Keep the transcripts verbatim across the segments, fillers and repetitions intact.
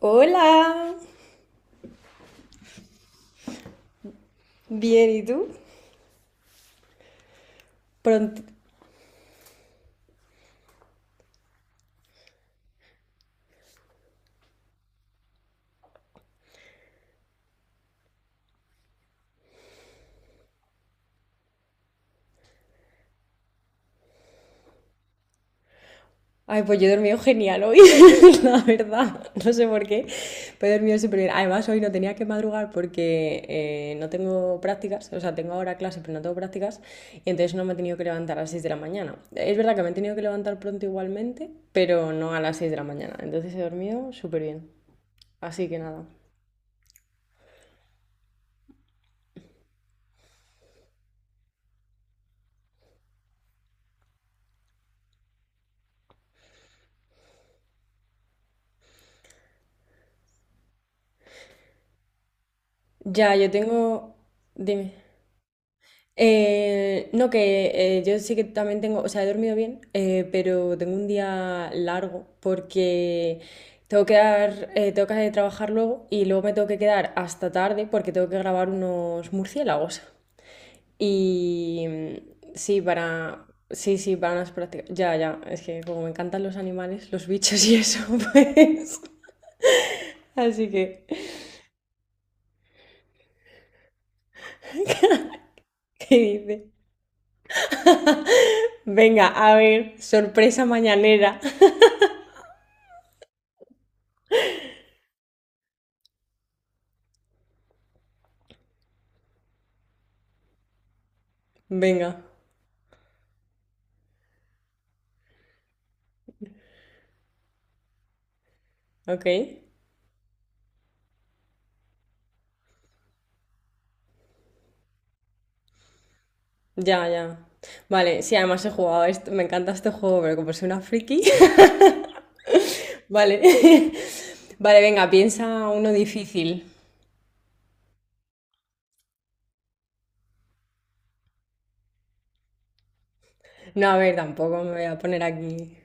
Hola, bien, ¿y tú? Pronto. Ay, pues yo he dormido genial hoy, la verdad. No sé por qué, pero he dormido súper bien. Además, hoy no tenía que madrugar porque eh, no tengo prácticas, o sea, tengo ahora clase, pero no tengo prácticas, y entonces no me he tenido que levantar a las seis de la mañana. Es verdad que me he tenido que levantar pronto igualmente, pero no a las seis de la mañana. Entonces he dormido súper bien. Así que nada. Ya, yo tengo... Dime. Eh, no, que eh, yo sí que también tengo, o sea, he dormido bien, eh, pero tengo un día largo porque tengo que dar, eh, tengo que trabajar luego y luego me tengo que quedar hasta tarde porque tengo que grabar unos murciélagos. Y mm, sí, para, sí, sí, para unas prácticas. Ya, ya, es que como me encantan los animales, los bichos y eso, pues. Así que, ¿qué dice? Venga, a ver, sorpresa mañanera. Venga, ok. Ya, ya. Vale, sí, además he jugado a esto, me encanta este juego, pero como soy una friki, vale. Vale, venga, piensa uno difícil. No, a ver, tampoco me voy a poner aquí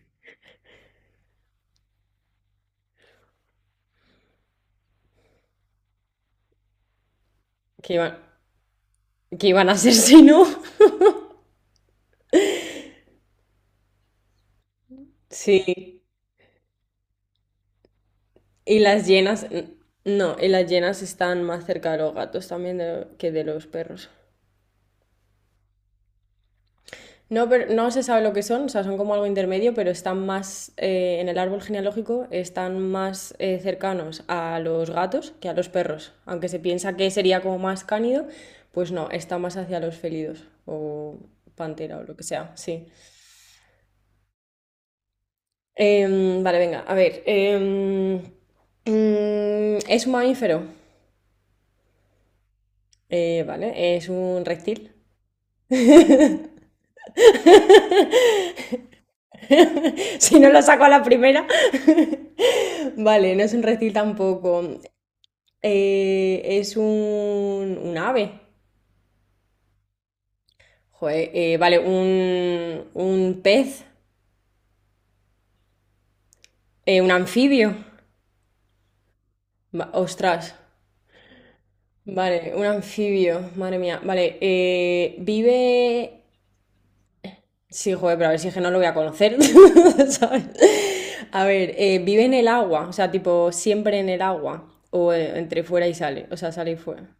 que iban, que iban a ser si no. Sí. Y las llenas, no, y las llenas están más cerca de los gatos también de- que de los perros. No, pero no se sabe lo que son, o sea, son como algo intermedio, pero están más eh, en el árbol genealógico, están más eh, cercanos a los gatos que a los perros. Aunque se piensa que sería como más cánido, pues no, está más hacia los felidos o pantera o lo que sea, sí. Em, vale, venga, a ver. em, mm, es un mamífero. Eh, vale, es un reptil. Si no lo saco a la primera. Vale, no es un reptil tampoco. Eh, es un, un ave. Joder, eh, vale, un, un pez, eh, un anfibio. Va- ostras, vale, un anfibio, madre mía. Vale, eh, vive. Sí, joder, pero a ver si es que no lo voy a conocer, ¿sabes? A ver, eh, vive en el agua, o sea, tipo, siempre en el agua, o eh, entre fuera y sale, o sea, sale y fuera.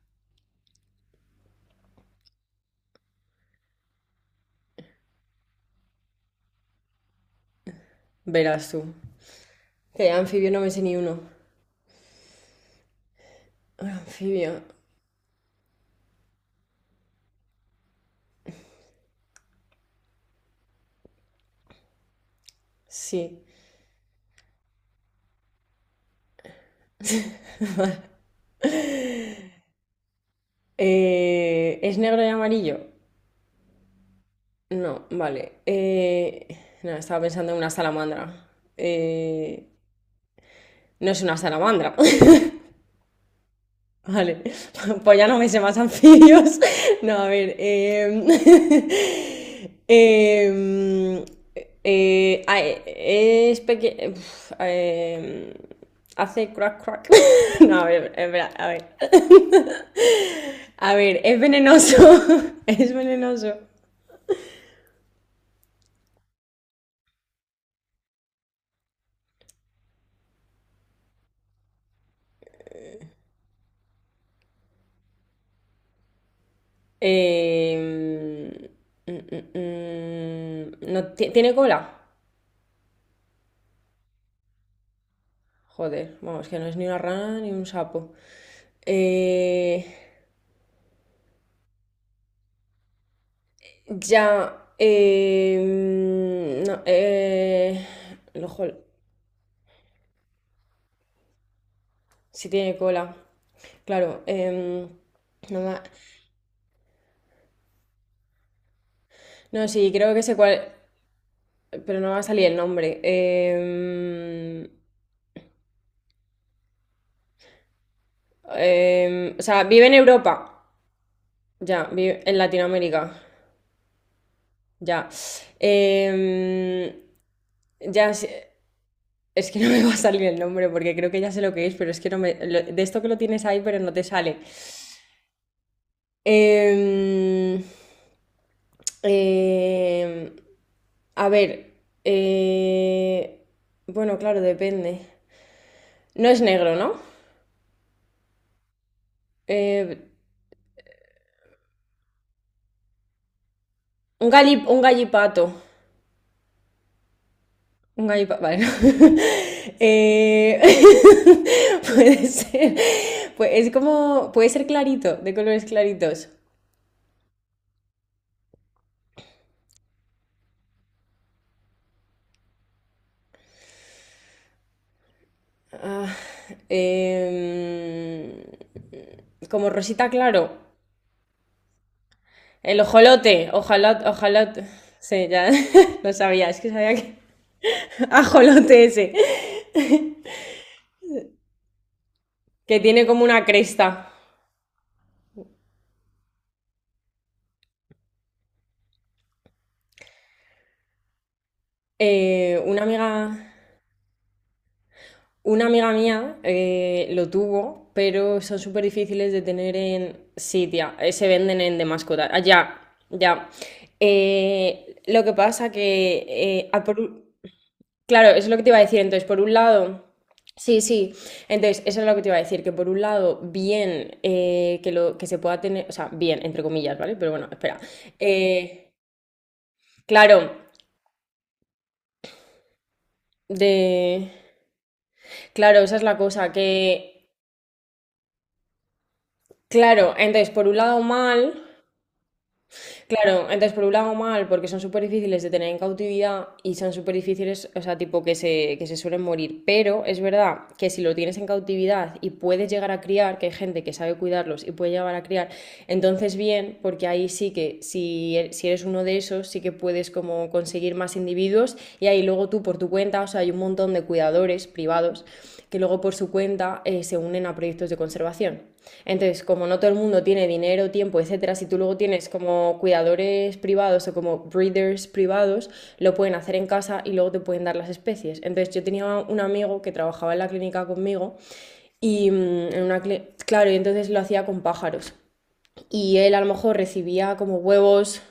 Verás tú. Que anfibio no me sé ni uno. Anfibio, sí. Eh, ¿es negro y amarillo? No, vale. Eh, no, estaba pensando en una salamandra. Eh, no es una salamandra. Vale. Pues ya no me sé más anfibios. No, a ver. em, em, eh, ah, eh, es pequeño. Hace crack crack. No, a ver, espera, a ver. A ver, es venenoso. Es venenoso. Eh, mm, mm, mm, no, ti- ¿tiene cola? Joder, vamos, que no es ni una rana ni un sapo. Eh, ya, eh, no, eh, ojo, si tiene cola. Claro, em, no, va- no, sí, creo que sé cuál, pero no va a salir el nombre. Em, em, o sea, vive en Europa, ya, vive en Latinoamérica. Ya. Em, ya sé- es que no me va a salir el nombre porque creo que ya sé lo que es, pero es que no me. Lo- de esto que lo tienes ahí, pero no te sale. Em, em, a ver. eh, bueno, claro, depende. No es negro, ¿no? Eh, un galli- un gallipato. Un gallipato. Vale, no. Eh, puede ser. Pues es como. Puede ser clarito, de colores claritos. Ah, em, como Rosita Claro. El ojolote. Ojalá, ojalá. Sí, ya lo sabía. Es que sabía que. Ajolote ese. Que tiene como una cresta. Eh, una amiga. Una amiga mía eh, lo tuvo, pero son súper difíciles de tener en. Sí, tía. eh, se venden en de mascota. Ah, ya, ya. Eh, lo que pasa que. eh, a por- Claro, eso es lo que te iba a decir. Entonces, por un lado, sí, sí. Entonces, eso es lo que te iba a decir, que por un lado, bien eh, que lo que se pueda tener, o sea, bien, entre comillas, ¿vale? Pero bueno, espera. Eh, claro, de. Claro, esa es la cosa, que. Claro, entonces, por un lado, mal. Claro, entonces por un lado mal, porque son súper difíciles de tener en cautividad y son súper difíciles, o sea, tipo que se, que se suelen morir. Pero es verdad que si lo tienes en cautividad y puedes llegar a criar, que hay gente que sabe cuidarlos y puede llegar a criar, entonces bien, porque ahí sí que si, e- si eres uno de esos, sí que puedes como conseguir más individuos y ahí luego tú por tu cuenta, o sea, hay un montón de cuidadores privados que luego por su cuenta eh, se unen a proyectos de conservación. Entonces, como no todo el mundo tiene dinero, tiempo, etcétera, si tú luego tienes como cuidadores privados o como breeders privados, lo pueden hacer en casa y luego te pueden dar las especies. Entonces, yo tenía un amigo que trabajaba en la clínica conmigo y mm, en una cli- claro, y entonces lo hacía con pájaros. Y él a lo mejor recibía como huevos.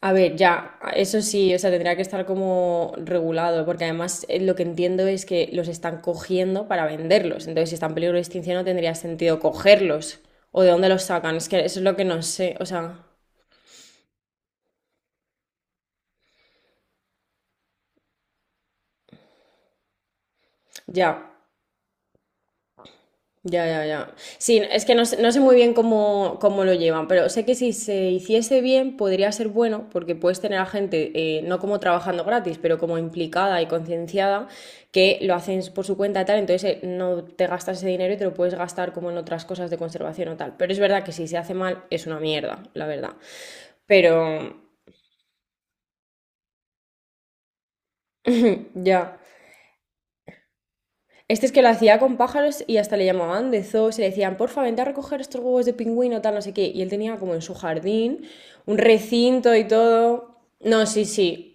A ver, ya, eso sí, o sea, tendría que estar como regulado, porque además eh, lo que entiendo es que los están cogiendo para venderlos, entonces si están en peligro de extinción no tendría sentido cogerlos, o de dónde los sacan, es que eso es lo que no sé, o sea, ya. Ya, ya, ya. Sí, es que no, sé no sé muy bien cómo, cómo lo llevan, pero sé que si se hiciese bien podría ser bueno porque puedes tener a gente, eh, no como trabajando gratis, pero como implicada y concienciada, que lo hacen por su cuenta y tal, entonces eh, no te gastas ese dinero y te lo puedes gastar como en otras cosas de conservación o tal. Pero es verdad que si se hace mal es una mierda, la verdad. Pero ya. Este es que lo hacía con pájaros y hasta le llamaban de zoo, se le decían, porfa, vente a recoger estos huevos de pingüino, tal, no sé qué. Y él tenía como en su jardín un recinto y todo. No, sí, sí.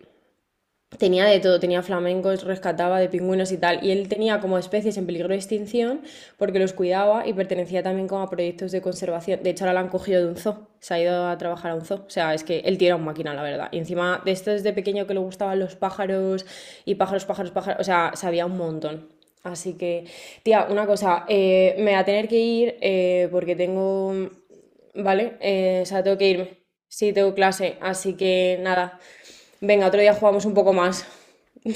Tenía de todo, tenía flamencos, rescataba de pingüinos y tal. Y él tenía como especies en peligro de extinción porque los cuidaba y pertenecía también como a proyectos de conservación. De hecho, ahora la han cogido de un zoo, se ha ido a trabajar a un zoo. O sea, es que él tiene un máquina, la verdad. Y encima de esto desde pequeño que le gustaban los pájaros y pájaros, pájaros, pájaros. O sea, sabía un montón. Así que, tía, una cosa, eh, me voy a tener que ir eh, porque tengo. Vale, eh, o sea, tengo que irme. Sí, tengo clase, así que nada. Venga, otro día jugamos un poco más.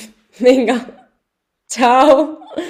Venga, chao.